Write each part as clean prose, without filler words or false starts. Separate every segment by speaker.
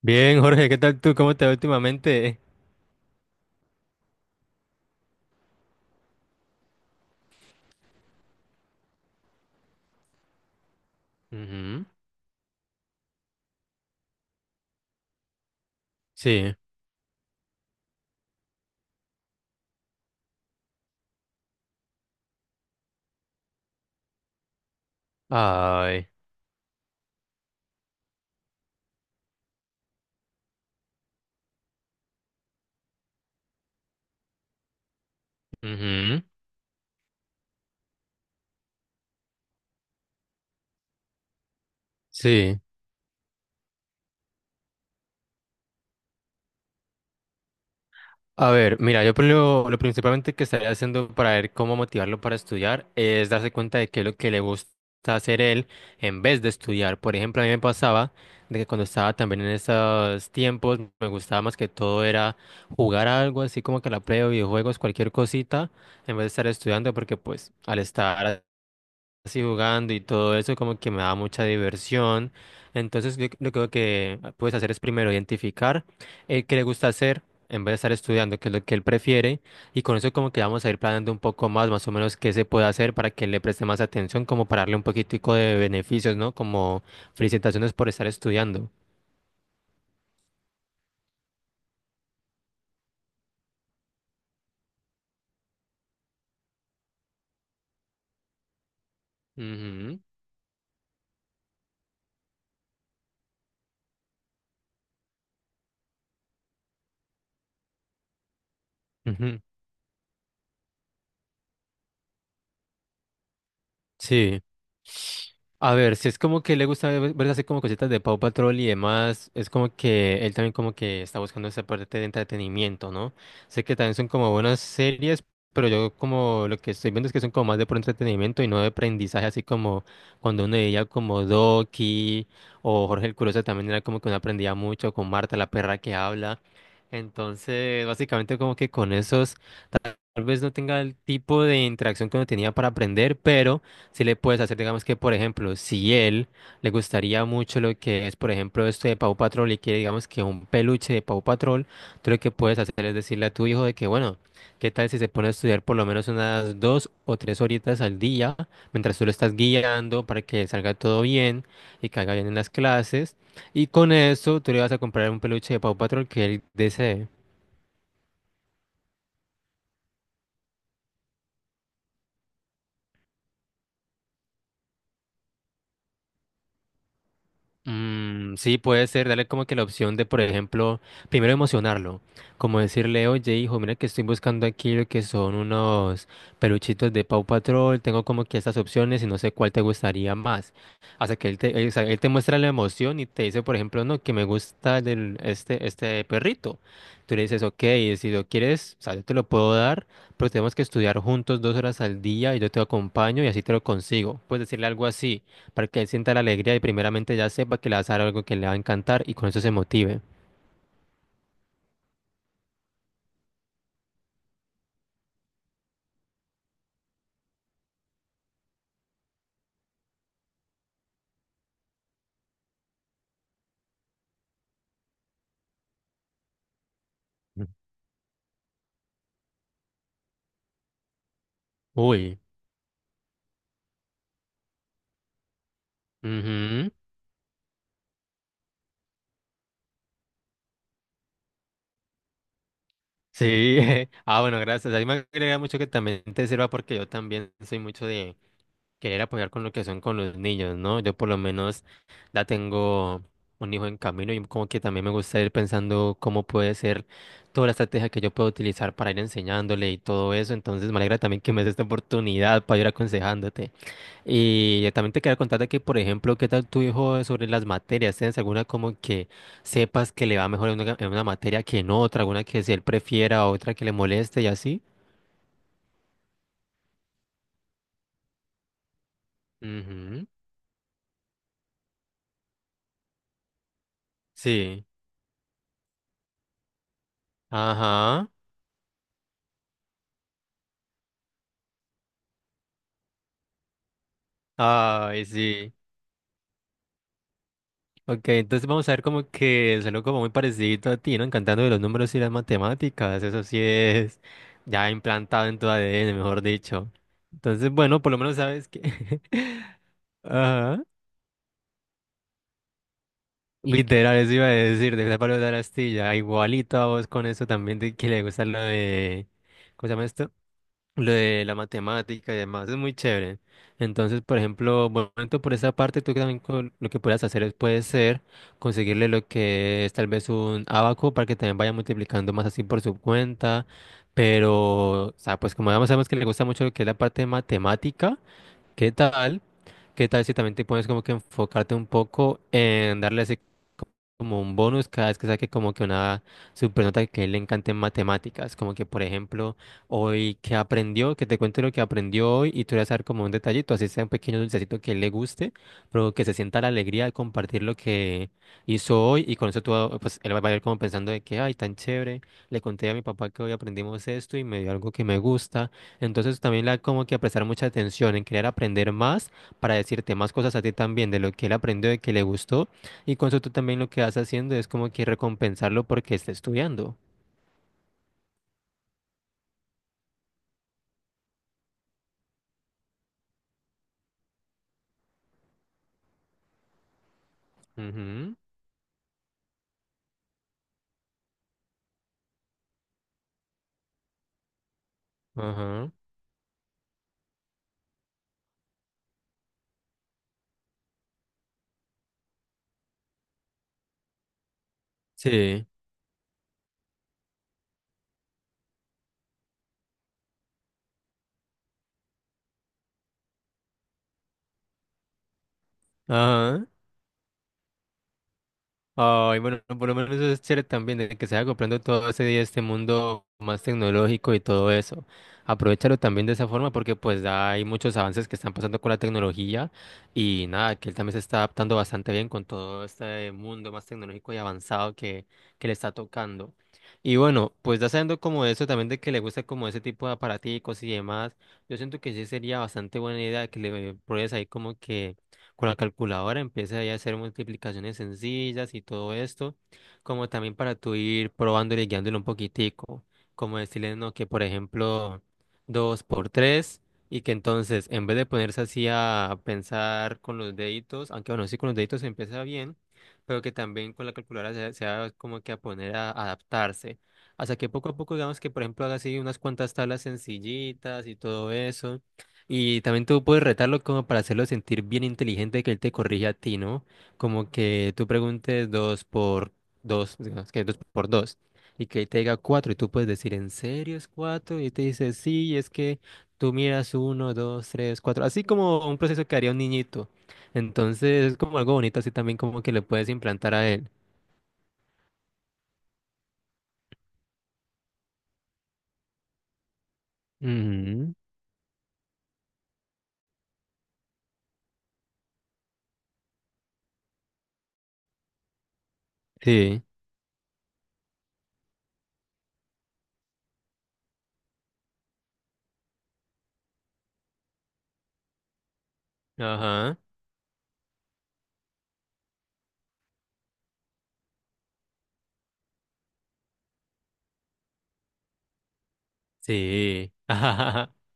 Speaker 1: Bien, Jorge, ¿qué tal tú? ¿Cómo te va últimamente? Ujú. Sí. Ay. Ujú. Sí. A ver, mira, yo por lo principalmente que estaría haciendo para ver cómo motivarlo para estudiar es darse cuenta de qué es lo que le gusta hacer él en vez de estudiar. Por ejemplo, a mí me pasaba de que cuando estaba también en esos tiempos, me gustaba más que todo era jugar algo así como que la play o videojuegos, cualquier cosita, en vez de estar estudiando, porque pues al estar así jugando y todo eso como que me da mucha diversión. Entonces yo creo que puedes hacer es primero identificar qué le gusta hacer en vez de estar estudiando, qué es lo que él prefiere. Y con eso como que vamos a ir planeando un poco más, más o menos qué se puede hacer para que él le preste más atención, como para darle un poquitico de beneficios, ¿no? Como felicitaciones por estar estudiando. Ujú. Ujú. Sí. A ver, si es como que le gusta ver así como cositas de Paw Patrol y demás, es como que él también como que está buscando esa parte de entretenimiento, ¿no? Sé que también son como buenas series, pero yo como lo que estoy viendo es que son como más de por entretenimiento y no de aprendizaje, así como cuando uno veía como Doki o Jorge el Curioso también era como que uno aprendía mucho con Marta, la perra que habla. Entonces, básicamente como que con esos tal vez no tenga el tipo de interacción que uno tenía para aprender, pero si le puedes hacer, digamos que, por ejemplo, si él le gustaría mucho lo que es, por ejemplo, esto de Paw Patrol y quiere, digamos que, un peluche de Paw Patrol, tú lo que puedes hacer es decirle a tu hijo de que, bueno, ¿qué tal si se pone a estudiar por lo menos unas dos o tres horitas al día mientras tú lo estás guiando para que salga todo bien y que haga bien en las clases? Y con eso tú le vas a comprar un peluche de Paw Patrol que él desee. Mm, sí, puede ser, darle como que la opción de, por ejemplo, primero emocionarlo, como decirle, oye, hijo, mira que estoy buscando aquí lo que son unos peluchitos de Paw Patrol, tengo como que estas opciones y no sé cuál te gustaría más. Hasta que él te, él, o sea, él te muestra la emoción y te dice, por ejemplo, no, que me gusta del, este perrito. Tú le dices, ok, si lo quieres, o sea, yo te lo puedo dar, pero tenemos que estudiar juntos dos horas al día y yo te acompaño y así te lo consigo. Puedes decirle algo así para que él sienta la alegría y primeramente ya sepa que le vas a dar algo que le va a encantar y con eso se motive. Ujú. Uy. Ujú. Sí. Ah, bueno, gracias. A mí me agrega mucho que también te sirva porque yo también soy mucho de querer apoyar con lo que son con los niños, ¿no? Yo por lo menos ya tengo un hijo en camino y como que también me gusta ir pensando cómo puede ser toda la estrategia que yo puedo utilizar para ir enseñándole y todo eso. Entonces me alegra también que me des esta oportunidad para ir aconsejándote. Y también te quería contar de que, por ejemplo, ¿qué tal tu hijo sobre las materias? ¿Tienes alguna como que sepas que le va mejor en una materia que en otra? ¿Alguna que si él prefiera, otra que le moleste y así? Ujú. Sí. Ajá. Ay, sí. Ok, entonces vamos a ver como que salió como muy parecido a ti, ¿no? Encantando de los números y las matemáticas. Eso sí es ya implantado en tu ADN, mejor dicho. Entonces, bueno, por lo menos sabes que... Ajá. Literal, eso iba a decir, de Pablo de la Astilla, igualito a vos con eso también, de que le gusta lo de, ¿cómo se llama esto? Lo de la matemática y demás, es muy chévere. Entonces, por ejemplo, bueno, tanto por esa parte, tú también con- lo que puedas hacer es, puede ser conseguirle lo que es tal vez un abaco para que también vaya multiplicando más así por su cuenta, pero, o sea, pues como ya sabemos que le gusta mucho lo que es la parte de matemática, ¿qué tal? ¿Qué tal si también te pones como que enfocarte un poco en darle así como un bonus cada vez que saque como que una supernota que a él le encante en matemáticas? Como que, por ejemplo, hoy que aprendió, que te cuente lo que aprendió hoy y tú le vas a dar como un detallito, así sea un pequeño dulcecito que a él le guste, pero que se sienta la alegría de compartir lo que hizo hoy y con eso tú, ah, pues él va a ir como pensando de que, ay, tan chévere, le conté a mi papá que hoy aprendimos esto y me dio algo que me gusta entonces también la como que a prestar mucha atención en querer aprender más para decirte más cosas a ti también de lo que él aprendió, de que le gustó. Y con eso tú también lo que vas haciendo es como que recompensarlo porque está estudiando. Ujú. Ajá. Sí. Ajá. Ay, bueno, por lo menos eso es chévere también, de que se vaya comprando todo ese día este mundo más tecnológico y todo eso. Aprovechalo también de esa forma porque pues hay muchos avances que están pasando con la tecnología y nada, que él también se está adaptando bastante bien con todo este mundo más tecnológico y avanzado que le está tocando. Y bueno, pues ya sabiendo como eso también de que le gusta como ese tipo de aparaticos y demás, yo siento que sí sería bastante buena idea que le pruebes ahí como que con la calculadora, empieza ahí a hacer multiplicaciones sencillas y todo esto, como también para tú ir probándole y guiándole un poquitico, como decirle, no, que por ejemplo, 2 por 3 y que entonces, en vez de ponerse así a pensar con los deditos, aunque bueno, sí con los deditos se empieza bien, pero que también con la calculadora se va como que a poner a adaptarse. Hasta que poco a poco, digamos que, por ejemplo, haga así unas cuantas tablas sencillitas y todo eso. Y también tú puedes retarlo como para hacerlo sentir bien inteligente que él te corrige a ti, ¿no? Como que tú preguntes dos por dos, digamos que dos por dos, y que él te diga cuatro, y tú puedes decir, ¿en serio es cuatro? Y te dice, sí, es que tú miras uno, dos, tres, cuatro, así como un proceso que haría un niñito. Entonces es como algo bonito, así también como que le puedes implantar a él. Ujú. Sí. Ajá. Sí.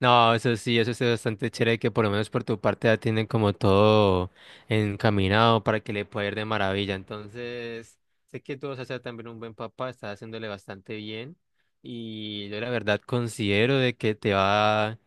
Speaker 1: No, eso sí es bastante chévere que por lo menos por tu parte ya tienen como todo encaminado para que le pueda ir de maravilla. Entonces, sé que tú vas a ser también un buen papá, estás haciéndole bastante bien y yo la verdad considero de que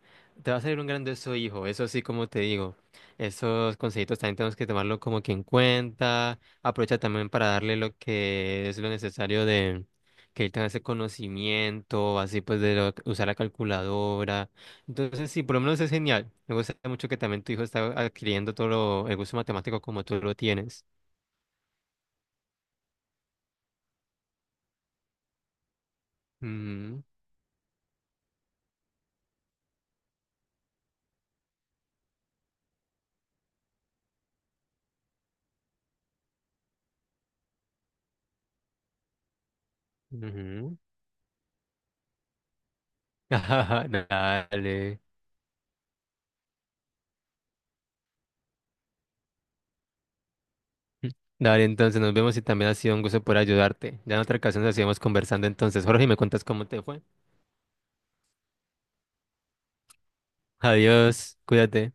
Speaker 1: te va a salir un grandioso hijo, eso sí, como te digo. Esos consejitos también tenemos que tomarlo como que en cuenta. Aprovecha también para darle lo que es lo necesario de que él tenga ese conocimiento, así pues de lo- usar la calculadora entonces, sí, por lo menos es genial. Me gusta mucho que también tu hijo está adquiriendo todo lo- el gusto matemático como tú lo tienes. Mm. Ujú. Ajá, dale. Dale, entonces nos vemos y también ha sido un gusto por ayudarte. Ya en otra ocasión nos seguimos conversando entonces. Jorge, ¿me cuentas cómo te fue? Adiós, cuídate.